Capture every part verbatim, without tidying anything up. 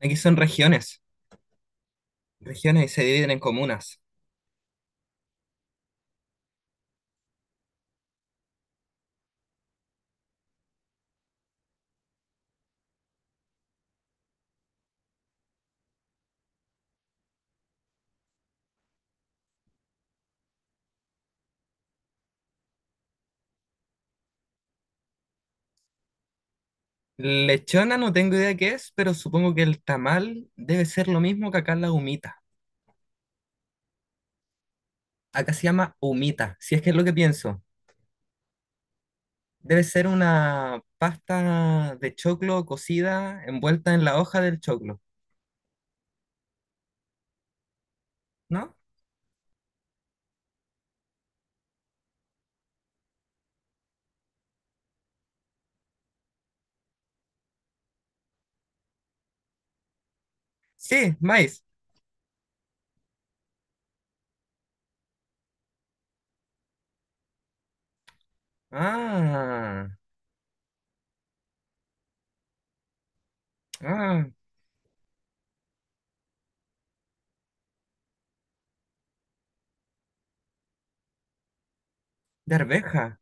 Aquí son regiones, regiones y se dividen en comunas. Lechona no tengo idea qué es, pero supongo que el tamal debe ser lo mismo que acá la humita. Acá se llama humita, si es que es lo que pienso. Debe ser una pasta de choclo cocida envuelta en la hoja del choclo, ¿no? Sí, maíz. Ah, ah, de arveja,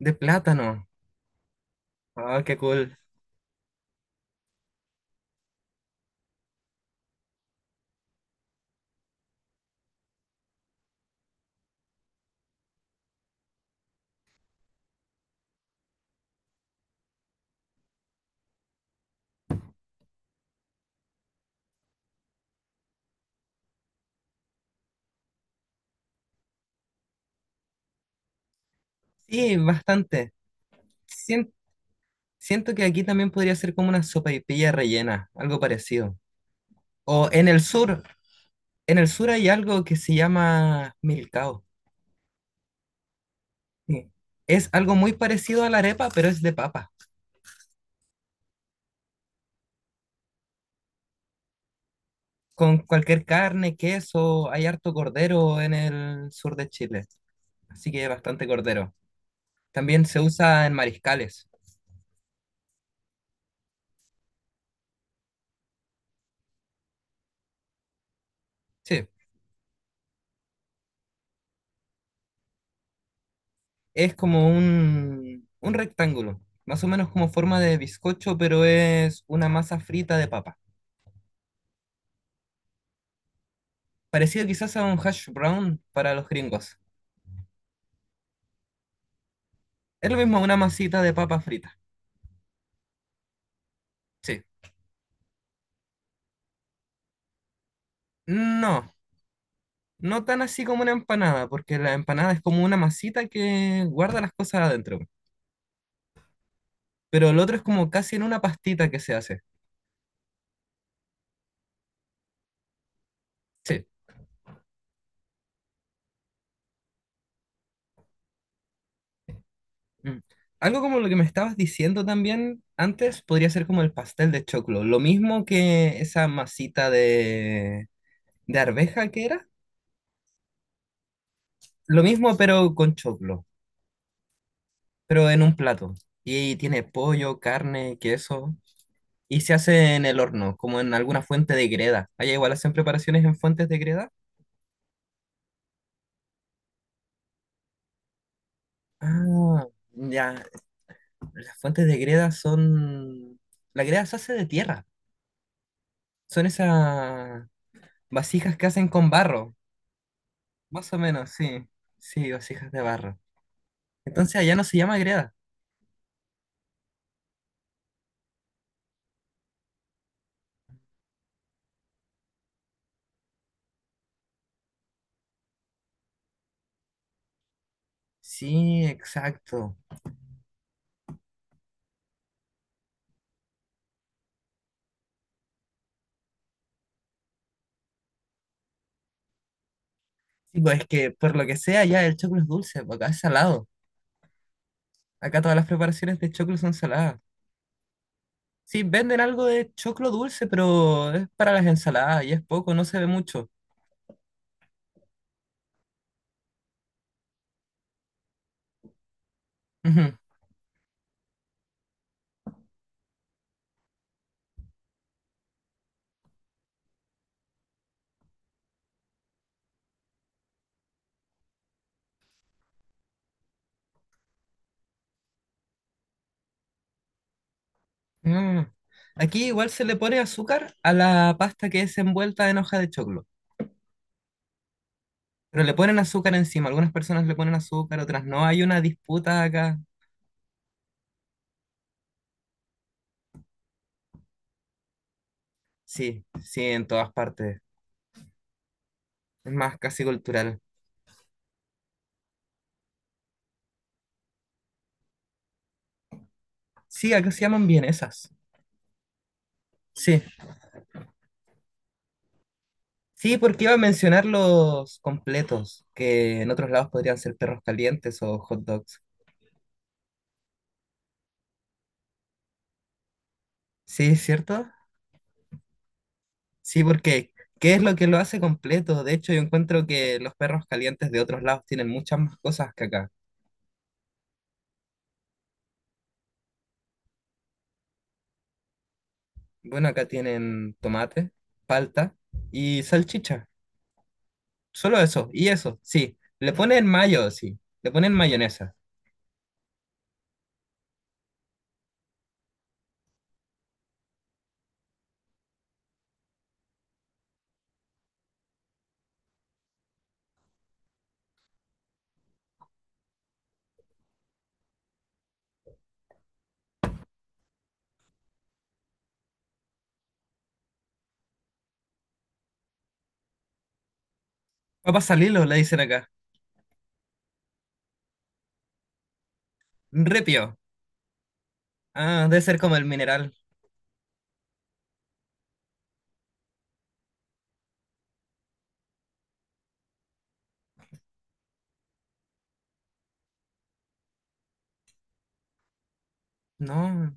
de plátano. Ah, qué cool. Sí, bastante. Sien- Siento que aquí también podría ser como una sopaipilla rellena, algo parecido. O en el sur, en el sur hay algo que se llama milcao. Sí. Es algo muy parecido a la arepa, pero es de papa. Con cualquier carne, queso, hay harto cordero en el sur de Chile. Así que bastante cordero. También se usa en mariscales. Sí. Es como un, un rectángulo, más o menos como forma de bizcocho, pero es una masa frita de papa. Parecido quizás a un hash brown para los gringos. Es lo mismo una masita de papa frita. Sí. No, no tan así como una empanada, porque la empanada es como una masita que guarda las cosas adentro. Pero el otro es como casi en una pastita que se hace. Sí. Mm. Algo como lo que me estabas diciendo también antes podría ser como el pastel de choclo. Lo mismo que esa masita de de arveja que era, lo mismo pero con choclo, pero en un plato. Y tiene pollo, carne, queso, y se hace en el horno, como en alguna fuente de greda. Allá igual hacen preparaciones en fuentes de greda. Ah, ya, las fuentes de greda son... La greda se hace de tierra, son esas vasijas que hacen con barro, más o menos, sí, sí, vasijas de barro. Entonces allá no se llama greda. Sí, exacto. Sí, pues es que por lo que sea, ya el choclo es dulce, porque acá es salado. Acá todas las preparaciones de choclo son saladas. Sí, venden algo de choclo dulce, pero es para las ensaladas y es poco, no se ve mucho. Ujú. Mm. Aquí igual se le pone azúcar a la pasta que es envuelta en hoja de choclo, pero le ponen azúcar encima. Algunas personas le ponen azúcar, otras no. Hay una disputa acá. Sí, sí, en todas partes. Es más, casi cultural. Sí, acá se llaman vienesas. Sí. Sí, porque iba a mencionar los completos, que en otros lados podrían ser perros calientes o hot dogs. Sí, es ¿cierto? Sí, porque ¿qué es lo que lo hace completo? De hecho, yo encuentro que los perros calientes de otros lados tienen muchas más cosas que acá. Bueno, acá tienen tomate, palta y salchicha. Solo eso, y eso, sí. Le ponen mayo, sí. Le ponen mayonesa. Papa salilo, le dicen acá. Repio. Ah, debe ser como el mineral. No.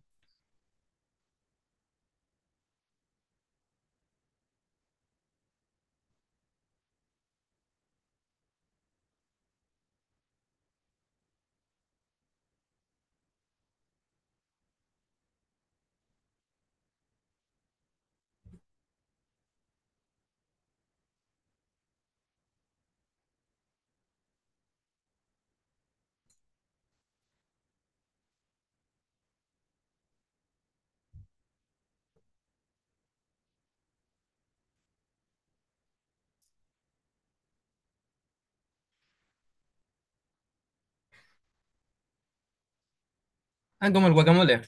Ah, como el guacamole.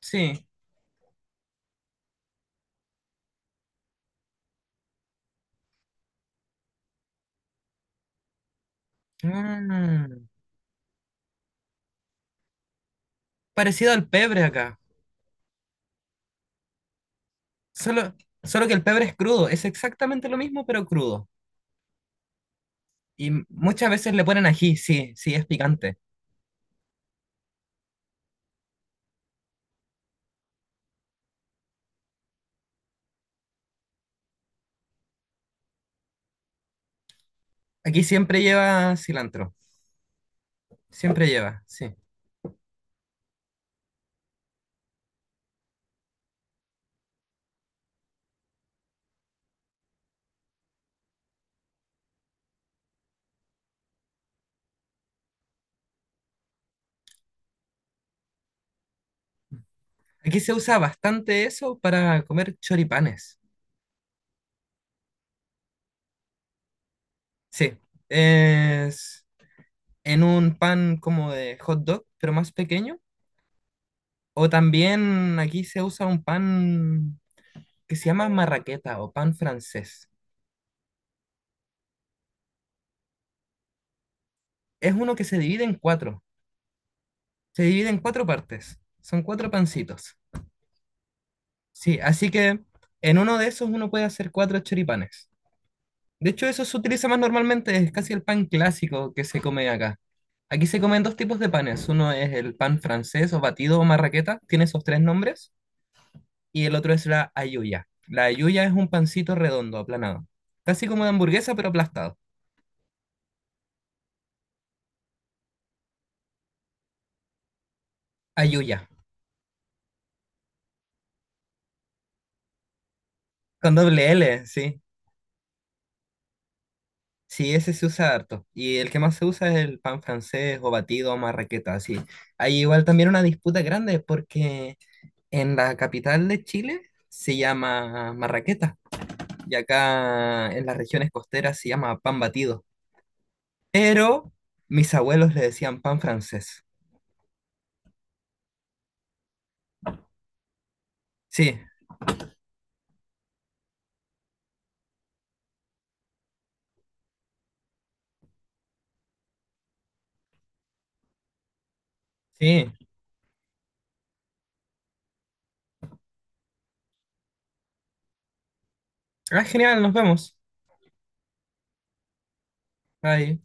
Sí. Ah, parecido al pebre acá. Solo, solo que el pebre es crudo. Es exactamente lo mismo, pero crudo. Y muchas veces le ponen ají, sí, sí, es picante. Aquí siempre lleva cilantro, siempre lleva, sí. Aquí se usa bastante eso para comer choripanes. Sí, es en un pan como de hot dog, pero más pequeño. O también aquí se usa un pan que se llama marraqueta o pan francés. Es uno que se divide en cuatro, se divide en cuatro partes. Son cuatro pancitos. Sí, así que en uno de esos uno puede hacer cuatro choripanes. De hecho, eso se utiliza más normalmente, es casi el pan clásico que se come acá. Aquí se comen dos tipos de panes. Uno es el pan francés o batido o marraqueta, tiene esos tres nombres, y el otro es la ayuya. La ayuya es un pancito redondo, aplanado, casi como de hamburguesa, pero aplastado. Ayuya, con doble L, sí. Sí, ese se usa harto. Y el que más se usa es el pan francés o batido o marraqueta, así. Hay igual también una disputa grande porque en la capital de Chile se llama marraqueta y acá en las regiones costeras se llama pan batido. Pero mis abuelos le decían pan francés. Sí, sí. Ah, genial, nos vemos. Bye.